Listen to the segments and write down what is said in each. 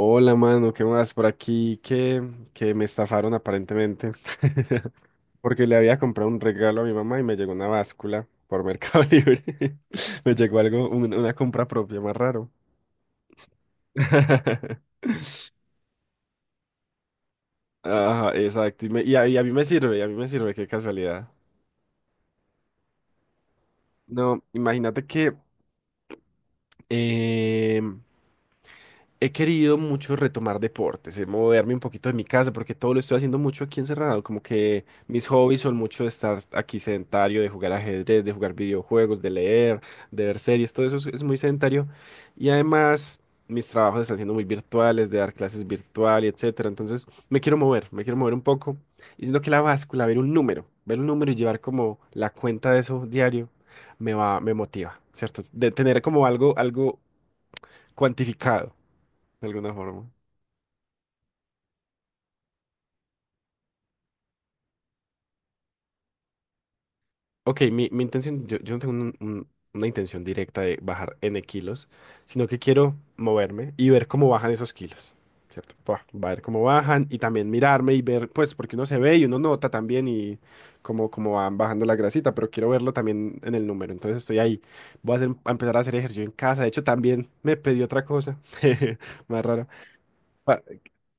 Hola, mano, ¿qué más? Por aquí que me estafaron aparentemente. Porque le había comprado un regalo a mi mamá y me llegó una báscula por Mercado Libre. Me llegó algo, una compra propia, más raro. Ajá, exacto. Y a mí me sirve, y a mí me sirve, qué casualidad. No, imagínate que em, he querido mucho retomar deportes, moverme un poquito de mi casa, porque todo lo estoy haciendo mucho aquí encerrado. Como que mis hobbies son mucho de estar aquí sedentario, de jugar ajedrez, de jugar videojuegos, de leer, de ver series, todo eso es muy sedentario. Y además, mis trabajos están siendo muy virtuales, de dar clases virtual y etcétera. Entonces, me quiero mover un poco. Y siento que la báscula, ver un número y llevar como la cuenta de eso diario, me motiva, ¿cierto? De tener como algo, algo cuantificado, de alguna forma. Ok, mi intención, yo no tengo una intención directa de bajar N kilos, sino que quiero moverme y ver cómo bajan esos kilos, ¿cierto? Pa, va a ver cómo bajan y también mirarme y ver, pues, porque uno se ve y uno nota también y cómo van bajando la grasita, pero quiero verlo también en el número, entonces estoy ahí. Voy a empezar a hacer ejercicio en casa, de hecho también me pedí otra cosa, más rara. Pa-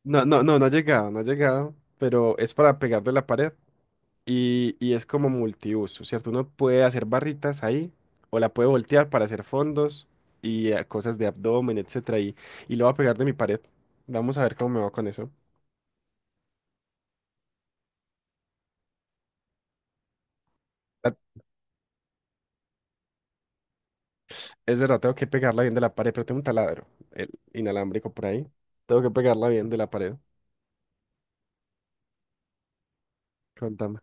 No, no, no, no ha llegado, no ha llegado, pero es para pegarle a la pared y es como multiuso, ¿cierto? Uno puede hacer barritas ahí o la puede voltear para hacer fondos y cosas de abdomen, etcétera. Y lo voy a pegar de mi pared. Vamos a ver cómo me va con eso. Ah, Es verdad, tengo que pegarla bien de la pared, pero tengo un taladro el inalámbrico por ahí. Tengo que pegarla bien de la pared. Contame.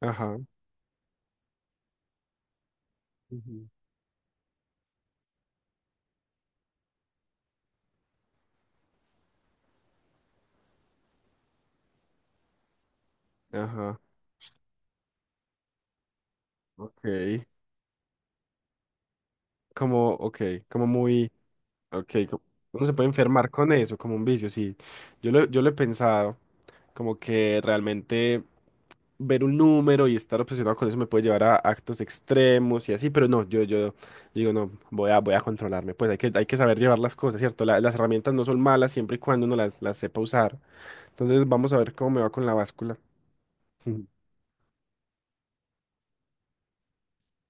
Ajá. Ujú. Ajá. Ok. Como, ok, como muy, ok. Uno se puede enfermar con eso, como un vicio, sí. Yo lo he pensado, como que realmente ver un número y estar obsesionado con eso me puede llevar a actos extremos y así, pero no, yo digo, no, voy a controlarme, pues hay que saber llevar las cosas, ¿cierto? Las herramientas no son malas siempre y cuando uno las sepa usar. Entonces vamos a ver cómo me va con la báscula. Ujú.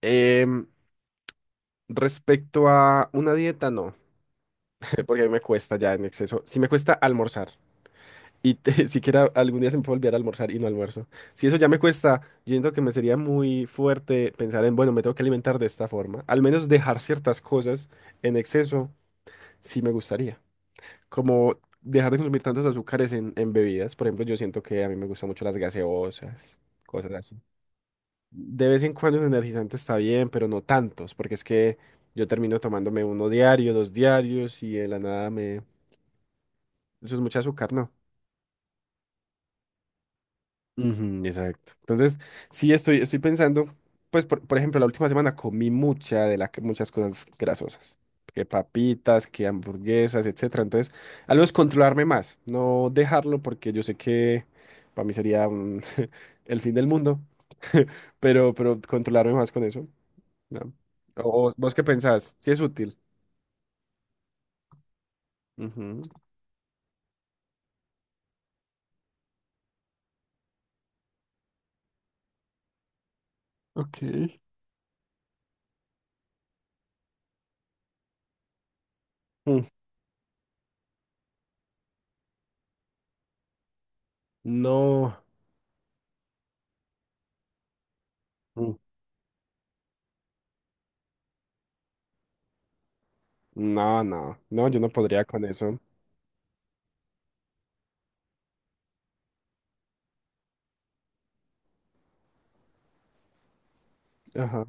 Em, respecto a una dieta, no, porque a mí me cuesta ya en exceso, sí me cuesta almorzar. Siquiera algún día se me puede olvidar almorzar y no almuerzo. Si eso ya me cuesta, yo siento que me sería muy fuerte pensar en, bueno, me tengo que alimentar de esta forma. Al menos dejar ciertas cosas en exceso, sí me gustaría. Como dejar de consumir tantos azúcares en bebidas. Por ejemplo, yo siento que a mí me gustan mucho las gaseosas, cosas así. De vez en cuando un energizante está bien, pero no tantos, porque es que yo termino tomándome uno diario, dos diarios y de la nada me... Eso es mucho azúcar, ¿no? Ujú, exacto. Entonces, sí estoy pensando, pues por ejemplo, la última semana comí muchas cosas grasosas, que papitas, que hamburguesas, etcétera. Entonces, al menos controlarme más, no dejarlo porque yo sé que para mí sería el fin del mundo, pero controlarme más con eso. ¿No? O, vos qué pensás, si es útil. Ujú. Ok. Mm. No. Mm. No, yo no podría con eso. Ajá.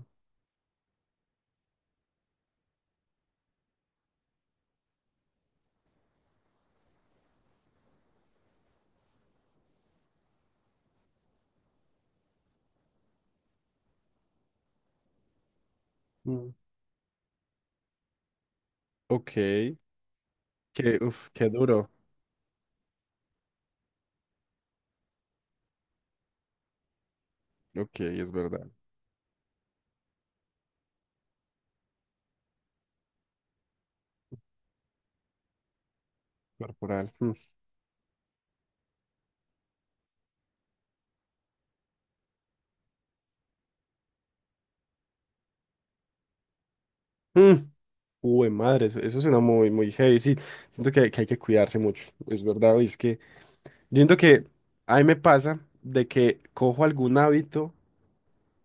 Ok, que, uf, qué duro. Ok, es verdad. Corporal. Mm. Mm. Uy, madre, eso suena muy, muy heavy. Sí, siento que hay que cuidarse mucho. Es verdad, y es que yo siento que a mí me pasa de que cojo algún hábito.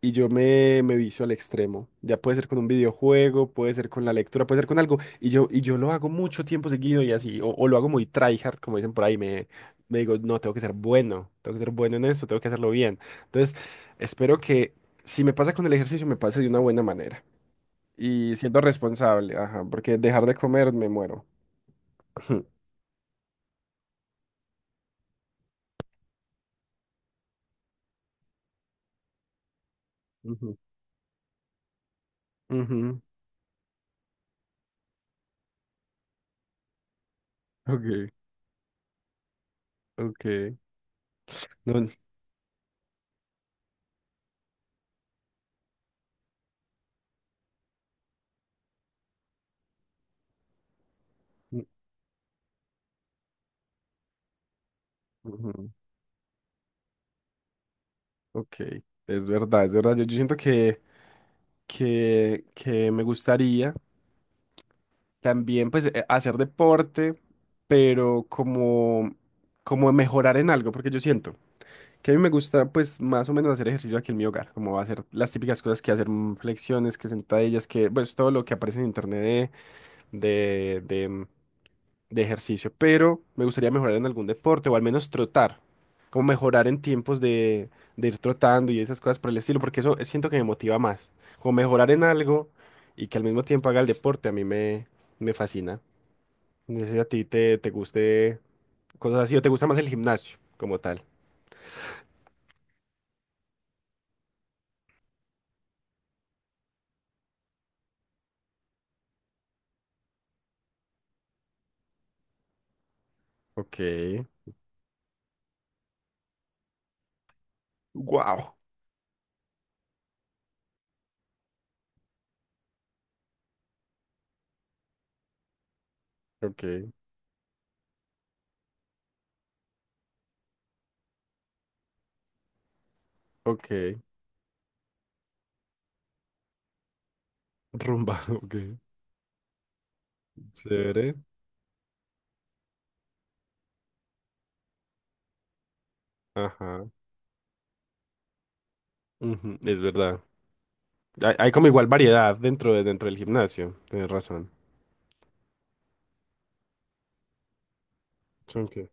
Y yo me vicio al extremo. Ya puede ser con un videojuego, puede ser con la lectura, puede ser con algo. Y yo lo hago mucho tiempo seguido y así. O lo hago muy tryhard, como dicen por ahí. Me digo, no, tengo que ser bueno. Tengo que ser bueno en eso, tengo que hacerlo bien. Entonces, espero que si me pasa con el ejercicio, me pase de una buena manera. Y siendo responsable, ajá, porque dejar de comer me muero. Ujú, ujú, ok, ok. No, n- ujú, ok. Es verdad, es verdad. Yo siento que que me gustaría también, pues, hacer deporte, pero como, como mejorar en algo, porque yo siento que a mí me gusta, pues, más o menos hacer ejercicio aquí en mi hogar, como hacer las típicas cosas que hacer flexiones, que sentadillas, que, pues, todo lo que aparece en internet de, de, de ejercicio, pero me gustaría mejorar en algún deporte o al menos trotar, como mejorar en tiempos de ir trotando y esas cosas por el estilo, porque eso siento que me motiva más, como mejorar en algo y que al mismo tiempo haga el deporte, me fascina. No sé si a ti te guste cosas así o te gusta más el gimnasio como tal. Ok, wow, ok, ok, rumba, ok, chévere, ajá, ujú, es verdad. Hay como igual variedad dentro dentro del gimnasio, tienes razón. Ok.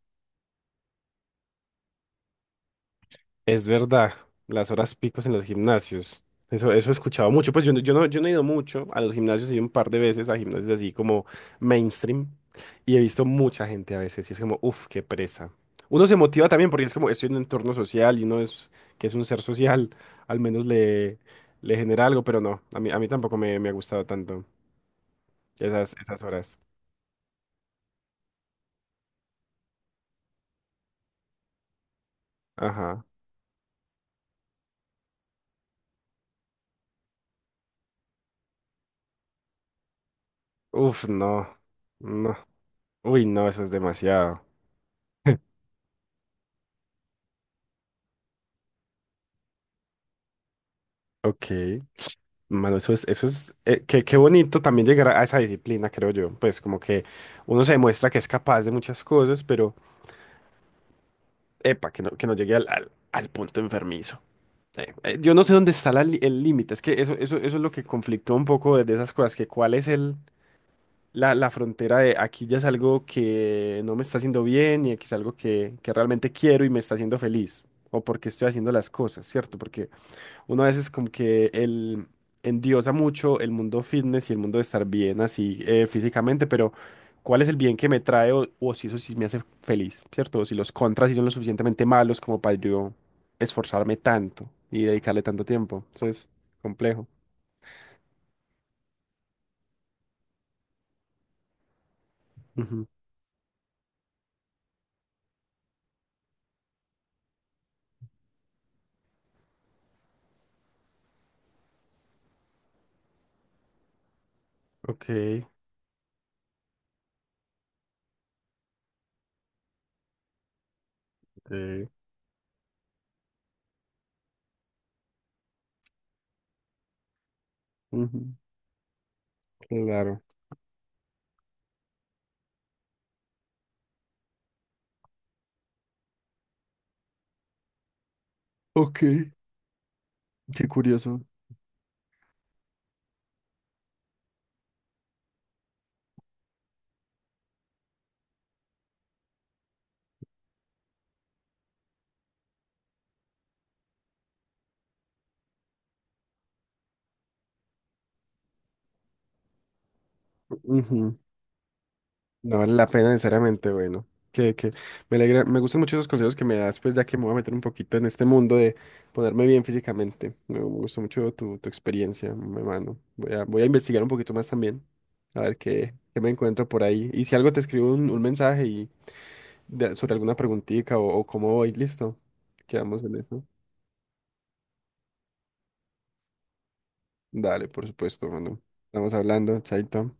Es verdad, las horas picos en los gimnasios. Eso he escuchado mucho. Pues yo, yo no, yo no he ido mucho a los gimnasios, he ido un par de veces a gimnasios así como mainstream y he visto mucha gente a veces y es como, uff, qué presa. Uno se motiva también porque es como, estoy en un entorno social y uno es, que es un ser social, al menos le genera algo, pero no, a mí tampoco me ha gustado tanto esas, esas horas. Ajá. Uff, no, no. Uy, no, eso es demasiado. Ok. Mano, qué, qué bonito también llegar a esa disciplina, creo yo. Pues como que uno se demuestra que es capaz de muchas cosas, pero, epa, que no llegue al punto enfermizo. Yo no sé dónde está la el límite, es que eso es lo que conflictó un poco de esas cosas, que cuál es la, la frontera de aquí ya es algo que no me está haciendo bien y aquí es algo que realmente quiero y me está haciendo feliz, o porque estoy haciendo las cosas, ¿cierto? Porque... Uno a veces como que endiosa mucho el mundo fitness y el mundo de estar bien así físicamente, pero ¿cuál es el bien que me trae o si eso sí me hace feliz, ¿cierto? O si los contras sí son lo suficientemente malos como para yo esforzarme tanto y dedicarle tanto tiempo. Eso es complejo. Ujú. Ok. Eh, ujú. Claro. Ok, qué curioso. Ujú. No vale la pena necesariamente, bueno. Que me alegra, me gustan mucho esos consejos que me das, pues ya que me voy a meter un poquito en este mundo de ponerme bien físicamente. Me gustó mucho tu experiencia, mi hermano. Voy a investigar un poquito más también, a ver qué, qué me encuentro por ahí. Y si algo te escribo un mensaje y sobre alguna preguntita o cómo voy, listo. Quedamos en eso. Dale, por supuesto, bueno. Estamos hablando, chaito.